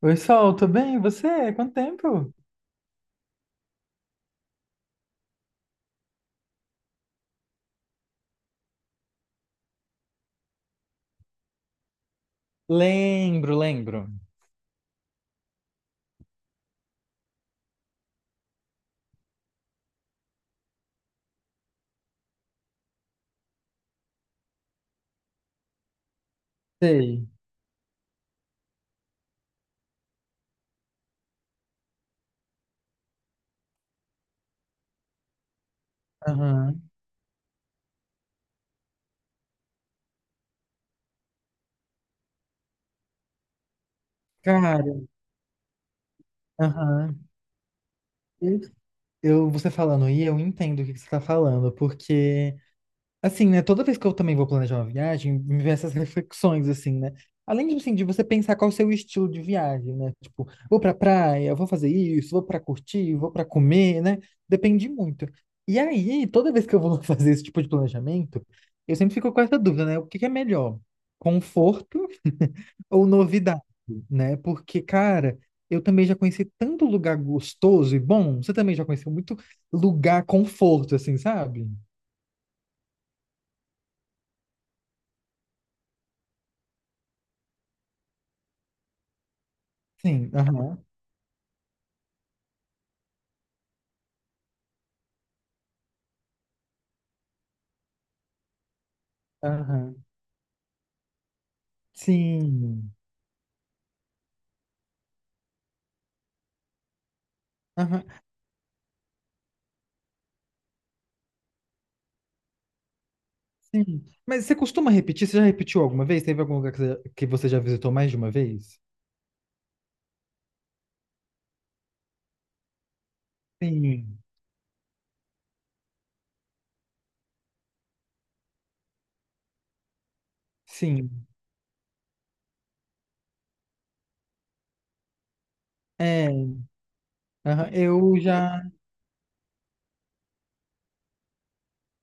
Oi, Sol, tudo bem? E você? Quanto tempo? Lembro, lembro. Sei. Aham. Cara, aham. Eu, você falando aí, eu entendo o que que você tá falando, porque assim, né? Toda vez que eu também vou planejar uma viagem, me vem essas reflexões, assim, né? Além, assim, de você pensar qual é o seu estilo de viagem, né? Tipo, vou pra praia, vou fazer isso, vou pra curtir, vou pra comer, né? Depende muito. E aí, toda vez que eu vou fazer esse tipo de planejamento, eu sempre fico com essa dúvida, né? O que que é melhor? Conforto ou novidade, né? Porque, cara, eu também já conheci tanto lugar gostoso e bom, você também já conheceu muito lugar conforto, assim, sabe? Sim, aham, aham. Sim. Aham. Sim. Mas você costuma repetir? Você já repetiu alguma vez? Teve algum lugar que você já visitou mais de uma vez? Sim. Sim. É. Aham. Eu já.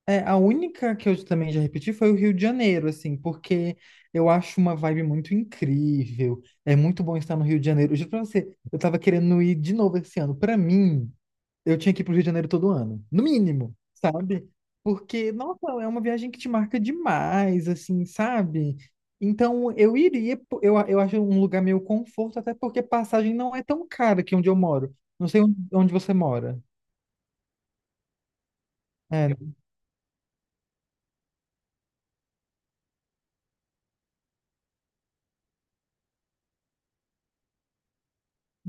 É, a única que eu também já repeti foi o Rio de Janeiro, assim, porque eu acho uma vibe muito incrível. É muito bom estar no Rio de Janeiro. Eu juro pra você, eu tava querendo ir de novo esse ano. Pra mim, eu tinha que ir pro Rio de Janeiro todo ano, no mínimo, sabe? Porque, nossa, é uma viagem que te marca demais, assim, sabe? Então, eu iria, eu acho um lugar meio conforto, até porque passagem não é tão cara aqui onde eu moro. Não sei onde você mora. É.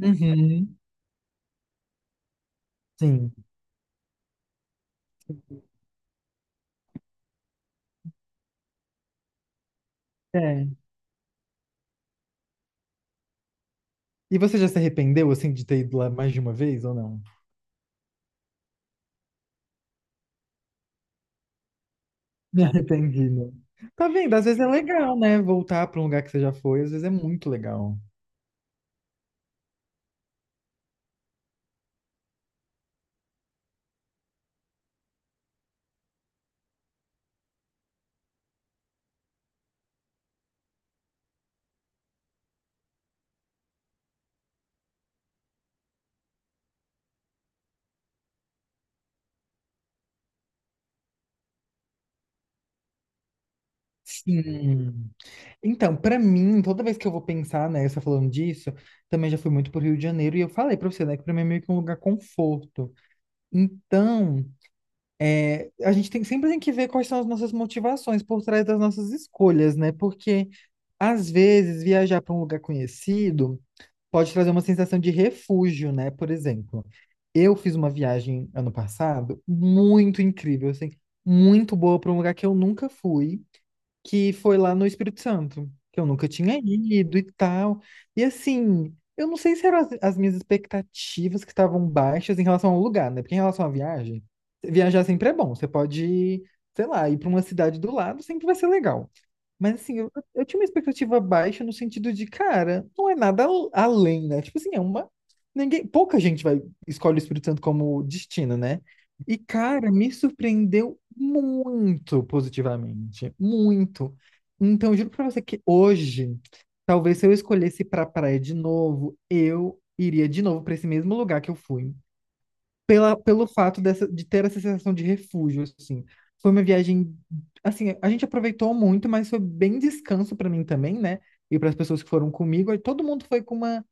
Uhum. Sim. É. E você já se arrependeu, assim, de ter ido lá mais de uma vez ou não? Me arrependi, né? Tá vendo? Às vezes é legal, né? Voltar para um lugar que você já foi, às vezes é muito legal. Sim. Então, pra mim, toda vez que eu vou pensar, né, você falando disso, também já fui muito pro Rio de Janeiro e eu falei pra você, né, que pra mim é meio que um lugar conforto. Então, é, a gente tem, sempre tem que ver quais são as nossas motivações por trás das nossas escolhas, né? Porque, às vezes, viajar para um lugar conhecido pode trazer uma sensação de refúgio, né? Por exemplo, eu fiz uma viagem ano passado muito incrível, assim, muito boa para um lugar que eu nunca fui, que foi lá no Espírito Santo, que eu nunca tinha ido e tal. E assim, eu não sei se eram as minhas expectativas que estavam baixas em relação ao lugar, né? Porque em relação à viagem, viajar sempre é bom. Você pode, sei lá, ir para uma cidade do lado, sempre vai ser legal. Mas assim, eu tinha uma expectativa baixa no sentido de, cara, não é nada além, né? Tipo assim, é uma. Ninguém, pouca gente vai escolhe o Espírito Santo como destino, né? E, cara, me surpreendeu muito positivamente. Muito. Então, eu juro pra você que hoje, talvez se eu escolhesse ir pra praia de novo, eu iria de novo pra esse mesmo lugar que eu fui pela, pelo fato dessa, de ter essa sensação de refúgio, assim. Foi uma viagem, assim, a gente aproveitou muito, mas foi bem descanso para mim também, né? E para as pessoas que foram comigo, aí todo mundo foi com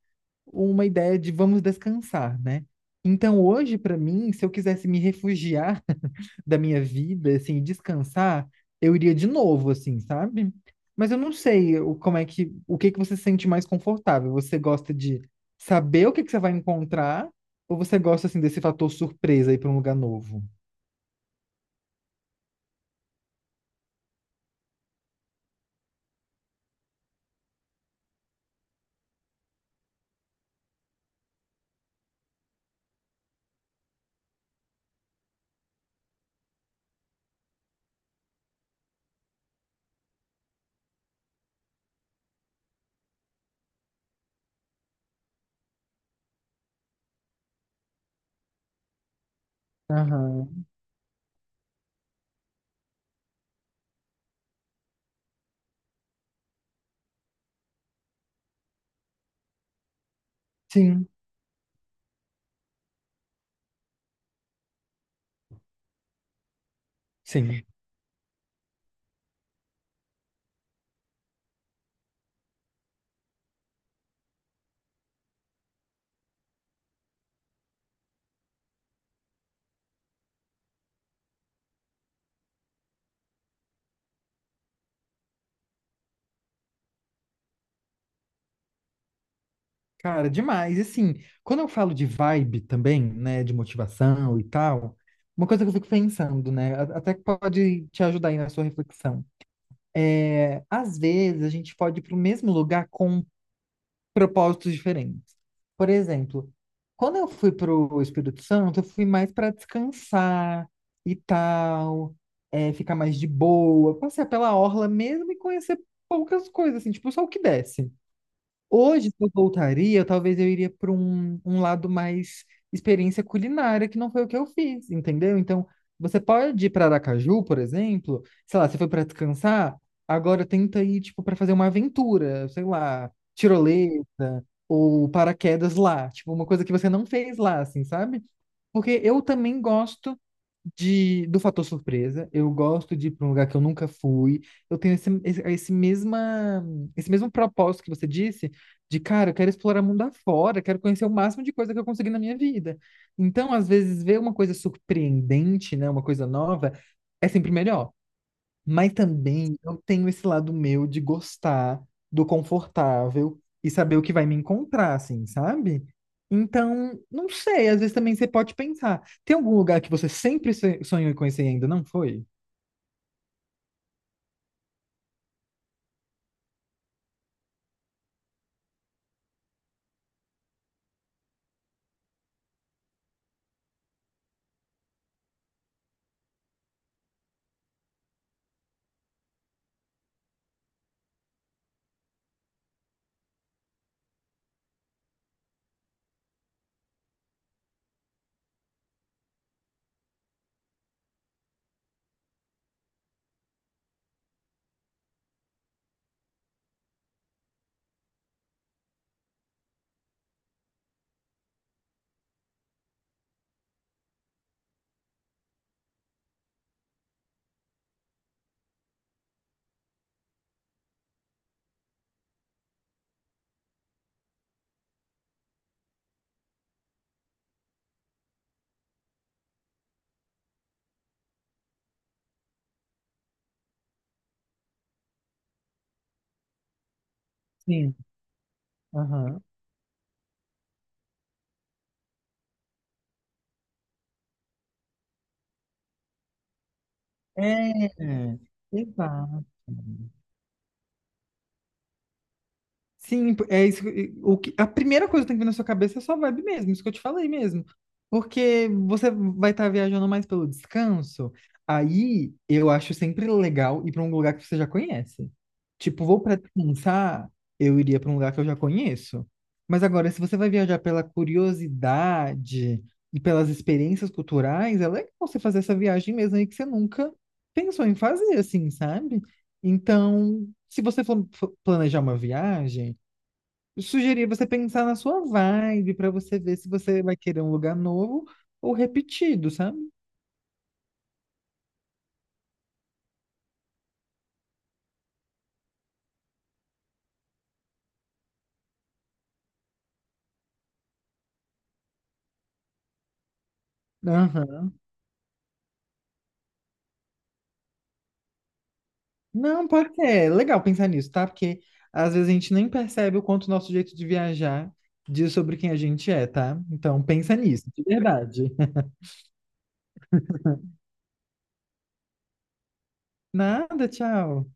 uma ideia de vamos descansar, né? Então hoje, para mim, se eu quisesse me refugiar da minha vida, assim, e descansar, eu iria de novo, assim, sabe? Mas eu não sei o, como é que, o que que você se sente mais confortável. Você gosta de saber o que que você vai encontrar, ou você gosta, assim, desse fator surpresa ir para um lugar novo? Aham. Sim, sim. Cara, demais. E assim, quando eu falo de vibe também, né, de motivação e tal, uma coisa que eu fico pensando, né, até que pode te ajudar aí na sua reflexão. É, às vezes a gente pode ir para o mesmo lugar com propósitos diferentes. Por exemplo, quando eu fui para o Espírito Santo, eu fui mais para descansar e tal, é, ficar mais de boa, passear pela orla mesmo e conhecer poucas coisas, assim, tipo, só o que desce. Hoje, se eu voltaria, talvez eu iria para um, um lado mais experiência culinária, que não foi o que eu fiz, entendeu? Então, você pode ir para Aracaju, por exemplo, sei lá, você foi para descansar, agora tenta ir, tipo, para fazer uma aventura, sei lá, tirolesa ou paraquedas lá, tipo, uma coisa que você não fez lá, assim, sabe? Porque eu também gosto de, do fator surpresa. Eu gosto de ir para um lugar que eu nunca fui. Eu tenho esse mesma, esse mesmo propósito que você disse de cara, eu quero explorar mundo afora, quero conhecer o máximo de coisa que eu conseguir na minha vida. Então, às vezes, ver uma coisa surpreendente, né, uma coisa nova, é sempre melhor. Mas também eu tenho esse lado meu de gostar do confortável e saber o que vai me encontrar, assim, sabe? Então, não sei, às vezes também você pode pensar. Tem algum lugar que você sempre sonhou em conhecer e ainda não foi? Sim. Aham. É, exato. Sim, é isso. O que, a primeira coisa que tem que vir na sua cabeça é sua vibe mesmo, isso que eu te falei mesmo. Porque você vai estar viajando mais pelo descanso. Aí eu acho sempre legal ir para um lugar que você já conhece. Tipo, vou para descansar, eu iria para um lugar que eu já conheço. Mas agora, se você vai viajar pela curiosidade e pelas experiências culturais, é legal você fazer essa viagem mesmo aí que você nunca pensou em fazer, assim, sabe? Então, se você for planejar uma viagem. Sugerir você pensar na sua vibe para você ver se você vai querer um lugar novo ou repetido, sabe? Aham. Não, porque é legal pensar nisso, tá? Porque às vezes a gente nem percebe o quanto o nosso jeito de viajar diz sobre quem a gente é, tá? Então pensa nisso, de verdade. Nada, tchau.